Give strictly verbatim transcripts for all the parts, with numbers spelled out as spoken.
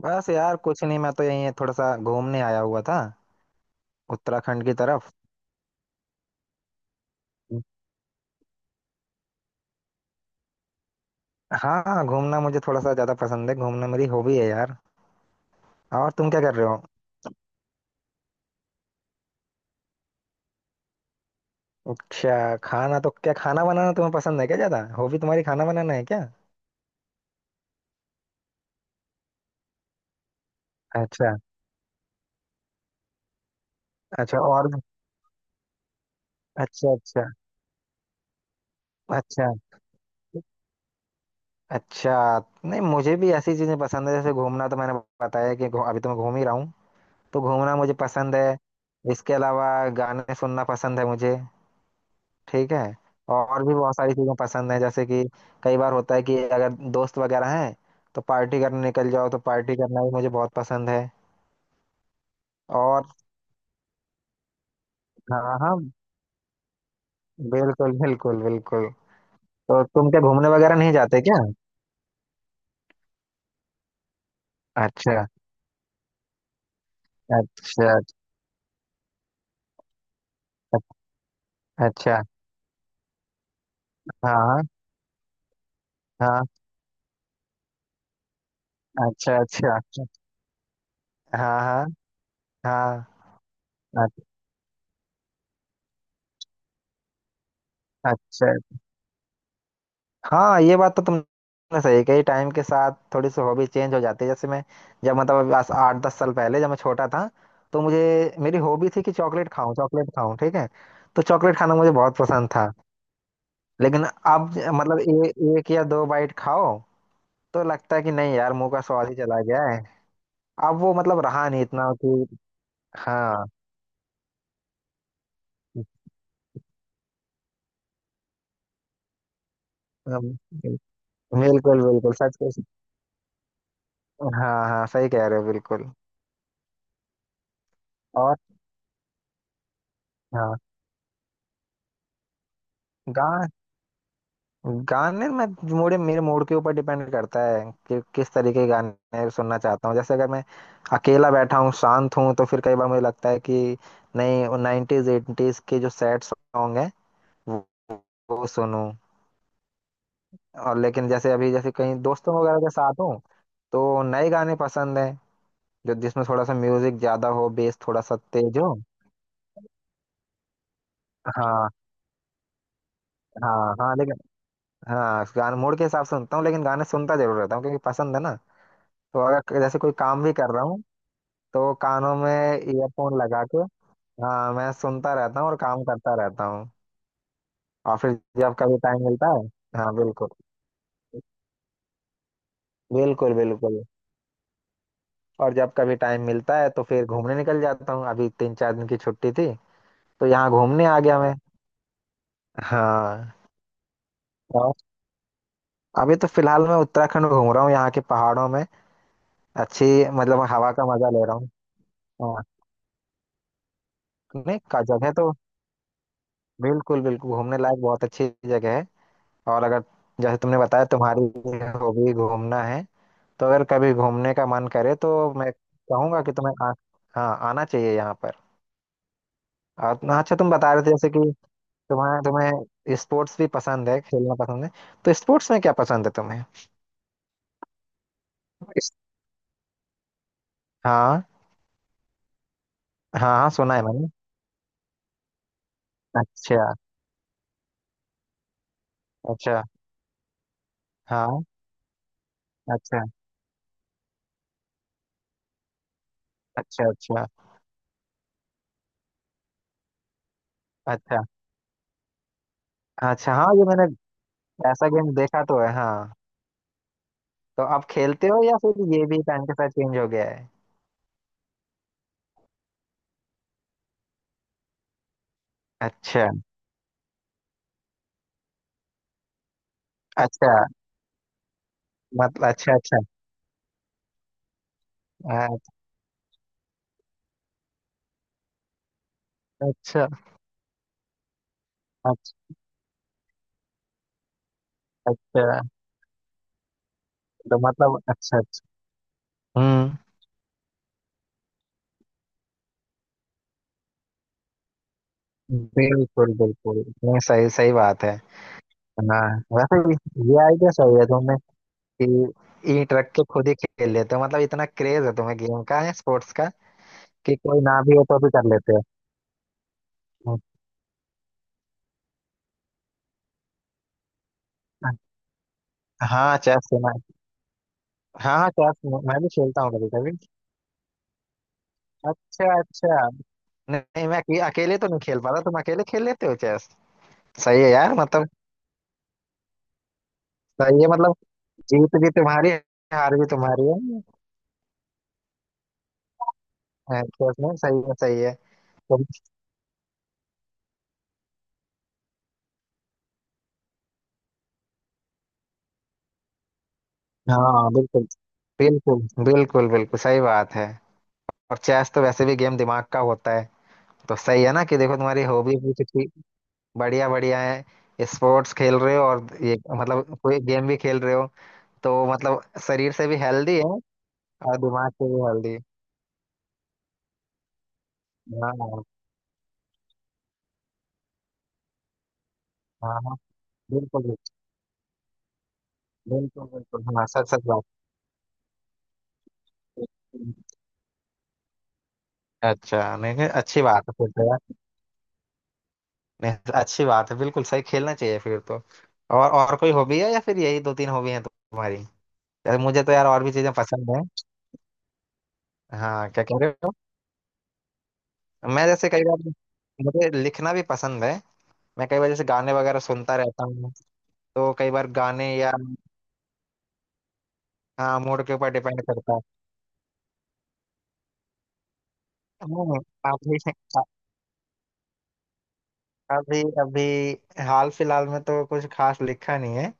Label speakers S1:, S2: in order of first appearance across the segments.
S1: बस यार कुछ नहीं। मैं तो यहीं थोड़ा सा घूमने आया हुआ था, उत्तराखंड की तरफ। हाँ, घूमना मुझे थोड़ा सा ज्यादा पसंद है। घूमना मेरी हॉबी है यार। और तुम क्या कर रहे हो? अच्छा, खाना तो? क्या खाना बनाना तुम्हें पसंद है क्या? ज्यादा हॉबी तुम्हारी खाना बनाना है क्या? अच्छा अच्छा। और? अच्छा अच्छा। अच्छा अच्छा। नहीं, मुझे भी ऐसी चीजें पसंद है, जैसे घूमना तो मैंने बताया कि घू- अभी तो मैं घूम ही रहा हूँ। तो घूमना मुझे पसंद है। इसके अलावा गाने सुनना पसंद है मुझे। ठीक है। और भी बहुत सारी चीजें पसंद है, जैसे कि कई बार होता है कि अगर दोस्त वगैरह हैं तो पार्टी करने निकल जाओ, तो पार्टी करना भी मुझे बहुत पसंद है। और हाँ हाँ, बिल्कुल बिल्कुल बिल्कुल। तो तुम क्या घूमने वगैरह नहीं जाते क्या? अच्छा अच्छा अच्छा। हाँ हाँ। अच्छा अच्छा अच्छा। हाँ हाँ हाँ। अच्छा। हाँ, ये बात तो तुमने सही कही, टाइम के साथ थोड़ी सी हॉबी चेंज हो जाती है। जैसे मैं, जब मतलब अभी आज आठ दस साल पहले, जब मैं छोटा था तो मुझे, मेरी हॉबी थी कि चॉकलेट खाऊं चॉकलेट खाऊं। ठीक है। तो चॉकलेट खाना मुझे बहुत पसंद था। लेकिन अब ज- मतलब ए, एक या दो बाइट खाओ तो लगता है कि नहीं यार मुंह का स्वाद ही चला गया है। अब वो मतलब रहा नहीं इतना कि हाँ। अम, बिल्कुल बिल्कुल सच। हाँ हाँ, सही कह रहे हो बिल्कुल। और हाँ, गाने में मोड़े मेरे मूड के ऊपर डिपेंड करता है कि किस तरीके के गाने सुनना चाहता हूँ। जैसे अगर मैं अकेला बैठा हूँ शांत हूँ तो फिर कई बार मुझे लगता है कि नहीं, नाइन्टीज एटीज के जो सैड सॉन्ग हैं वो, वो सुनूं। और लेकिन जैसे अभी जैसे कहीं दोस्तों वगैरह के साथ हूँ तो नए गाने पसंद हैं, जो जिसमें थोड़ा सा म्यूजिक ज्यादा हो, बेस थोड़ा सा तेज हो। हाँ हाँ हाँ, लेकिन हाँ, गाने मूड के हिसाब से सुनता हूँ, लेकिन गाने सुनता जरूर रहता हूँ क्योंकि पसंद है ना। तो अगर जैसे कोई काम भी कर रहा हूँ तो कानों में ईयरफोन लगा के, हाँ, मैं सुनता रहता हूँ और काम करता रहता हूँ। और फिर जब कभी टाइम मिलता है, हाँ बिल्कुल, बिल्कुल बिल्कुल। और जब कभी टाइम मिलता है तो फिर घूमने निकल जाता हूँ। अभी तीन चार दिन की छुट्टी थी तो यहाँ घूमने आ गया मैं। हाँ। और अभी तो फिलहाल मैं उत्तराखंड घूम रहा हूँ, यहाँ के पहाड़ों में। अच्छी, मतलब हवा का मजा ले रहा हूँ। हाँ। नहीं का, जगह तो बिल्कुल बिल्कुल घूमने लायक बहुत अच्छी जगह है। और अगर जैसे तुमने बताया तुम्हारी हॉबी घूमना है, तो अगर कभी घूमने का मन करे तो मैं कहूंगा कि तुम्हें आ, हाँ, आना चाहिए यहाँ पर। और- अच्छा, तुम बता रहे थे जैसे कि तुम्हें तुम्हें स्पोर्ट्स भी पसंद है, खेलना पसंद है। तो स्पोर्ट्स में क्या पसंद है तुम्हें? इस- हाँ हाँ हाँ, सुना है मैंने। अच्छा अच्छा। हाँ। अच्छा अच्छा अच्छा। अच्छा अच्छा। हाँ, ये मैंने ऐसा गेम देखा तो है, हाँ। तो आप खेलते हो या फिर ये भी टाइम के साथ चेंज हो गया है? अच्छा अच्छा, मतलब अच्छा अच्छा। अच्छा अच्छा अच्छा। तो मतलब अच्छा अच्छा। हम्म। बिल्कुल बिल्कुल, नहीं सही सही बात है। हाँ, वैसे भी ये आइडिया सही है तुमने, कि ईंट रख के खुद ही खेल लेते हो। मतलब इतना क्रेज है तुम्हें गेम का, है स्पोर्ट्स का, कि कोई ना भी हो तो भी कर लेते हो। हाँ, चेस सुना है। हाँ हाँ, चेस मैं मैं भी खेलता हूँ कभी कभी। अच्छा अच्छा। नहीं, मैं अके- अकेले तो नहीं खेल पाता। तुम अकेले खेल लेते हो चेस? सही है यार, मतलब सही है मतलब। जीत भी तुम्हारी है, हार भी तुम्हारी है। हाँ, चेस में सही है सही है। हाँ बिल्कुल बिल्कुल बिल्कुल। बिल्कुल सही बात है। और चेस तो वैसे भी गेम दिमाग का होता है। तो सही है ना कि देखो, तुम्हारी हॉबी भी कितनी बढ़िया, बढ़िया है। स्पोर्ट्स खेल रहे हो और ये मतलब कोई गेम भी खेल रहे हो। तो मतलब शरीर से भी हेल्दी है और दिमाग से भी हेल्दी। हाँ हाँ हाँ, बिल्कुल बिल्कुल बिल्कुल हाँ, सच सच बात है। अच्छा, नहीं नहीं, अच्छी बात है फिर तो यार। नहीं, अच्छी बात है, बिल्कुल सही, खेलना चाहिए फिर तो। और और कोई हॉबी है या फिर यही दो तीन हॉबी है तुम्हारी? यार मुझे तो यार और भी चीजें पसंद है। हाँ क्या कह रहे हो? मैं जैसे कई बार, मुझे लिखना भी पसंद है। मैं कई बार जैसे गाने वगैरह सुनता रहता हूँ, तो कई बार गाने या हाँ, मूड के ऊपर डिपेंड करता है। हम्म, अभी, अभी अभी हाल फिलहाल में तो कुछ खास लिखा नहीं है।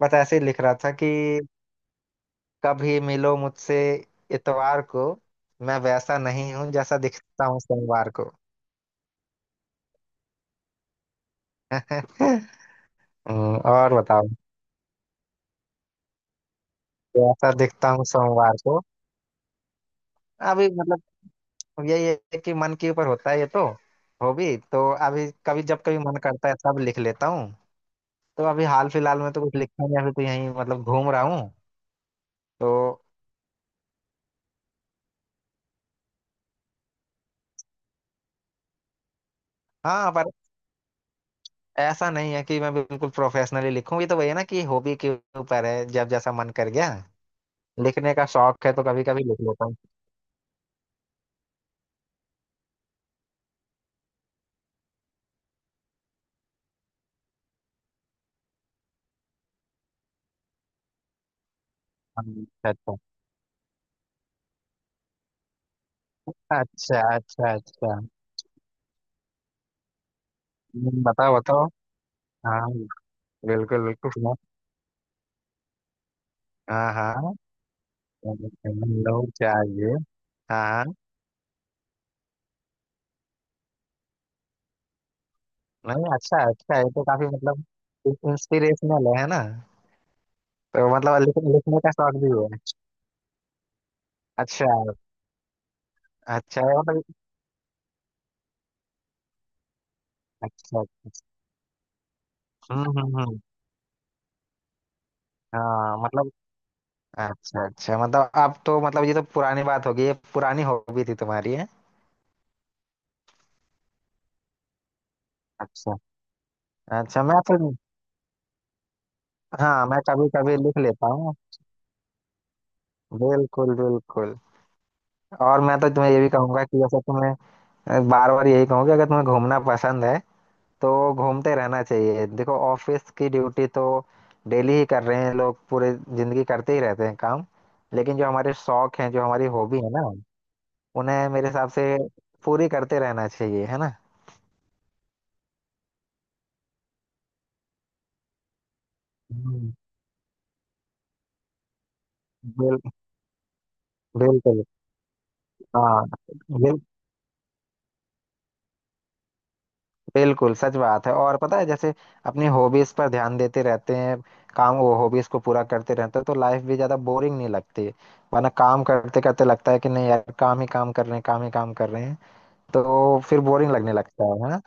S1: बस ऐसे ही लिख रहा था कि कभी मिलो मुझसे इतवार को, मैं वैसा नहीं हूँ जैसा दिखता हूँ सोमवार को। हम्म, और बताओ। जैसा दिखता हूँ सोमवार को। अभी मतलब अब यही है कि मन के ऊपर होता है ये तो। हॉबी तो अभी कभी, जब कभी मन करता है सब लिख लेता हूँ। तो अभी हाल फिलहाल में तो कुछ लिखा नहीं है, अभी तो यहीं मतलब घूम रहा हूँ तो। हाँ, पर ऐसा नहीं है कि मैं बिल्कुल प्रोफेशनली लिखूँ, ये तो वही है ना कि हॉबी के ऊपर है, जब जैसा मन कर गया, लिखने का शौक है तो कभी कभी लिख लेता हूँ। हाँ, अच्छा अच्छा अच्छा अच्छा अच्छा। हम्म, बताओ बताओ। हाँ बिल्कुल बिल्कुल। हाँ हाँ, लोग चाहिए। हाँ हाँ। नहीं, अच्छा है अच्छा है, ये तो काफी मतलब इंस्पिरेशनल है ना। तो मतलब लिखने, लिखने का शौक भी है। अच्छा, अच्छा है मतलब। अच्छा अच्छा। हम्म हम्म हम्म। हाँ मतलब, अच्छा अच्छा। मतलब अब तो मतलब ये तो पुरानी बात होगी, ये पुरानी हॉबी थी तुम्हारी, है। अच्छा अच्छा, मैं तो हाँ, मैं कभी कभी लिख लेता हूँ। बिल्कुल बिल्कुल। और मैं तो तुम्हें ये भी कहूंगा कि जैसे तुम्हें, बार बार यही कहूंगा, अगर तुम्हें घूमना पसंद है तो घूमते रहना चाहिए। देखो, ऑफिस की ड्यूटी तो डेली ही कर रहे हैं लोग, पूरे जिंदगी करते ही रहते हैं काम। लेकिन जो हमारे शौक हैं, जो हमारी हॉबी है ना, उन्हें मेरे हिसाब से पूरी करते रहना चाहिए, है ना। हम्म, बिल, बिल्कुल। हाँ बिल, बिल्कुल सच बात है। और पता है, जैसे अपनी हॉबीज पर ध्यान देते रहते हैं काम, वो हॉबीज को पूरा करते रहते हैं, तो लाइफ भी ज्यादा बोरिंग नहीं लगती। वरना काम करते करते लगता है कि नहीं यार, काम ही काम कर रहे हैं, काम ही काम कर रहे हैं। तो फिर बोरिंग लगने लगता है है ना।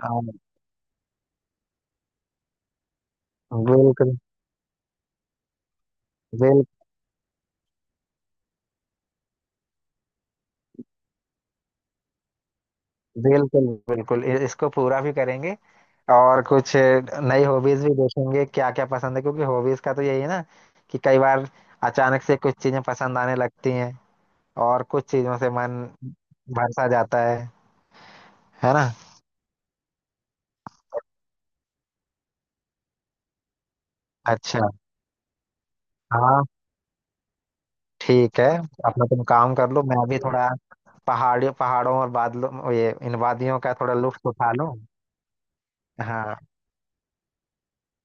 S1: हाँ, बिल्कुल बिल, बिल्कुल बिल्कुल इ- इसको पूरा भी करेंगे। और कुछ नई हॉबीज भी देखेंगे क्या क्या पसंद है, क्योंकि हॉबीज का तो यही है ना कि कई बार अचानक से कुछ चीजें पसंद आने लगती हैं और कुछ चीजों से मन भर सा जाता है है ना। अच्छा। हाँ। ठीक है। अपना तुम काम कर लो, मैं भी थोड़ा पहाड़ियों, पहाड़ों और बादलों, ये इन वादियों का थोड़ा लुत्फ उठा लूं। हाँ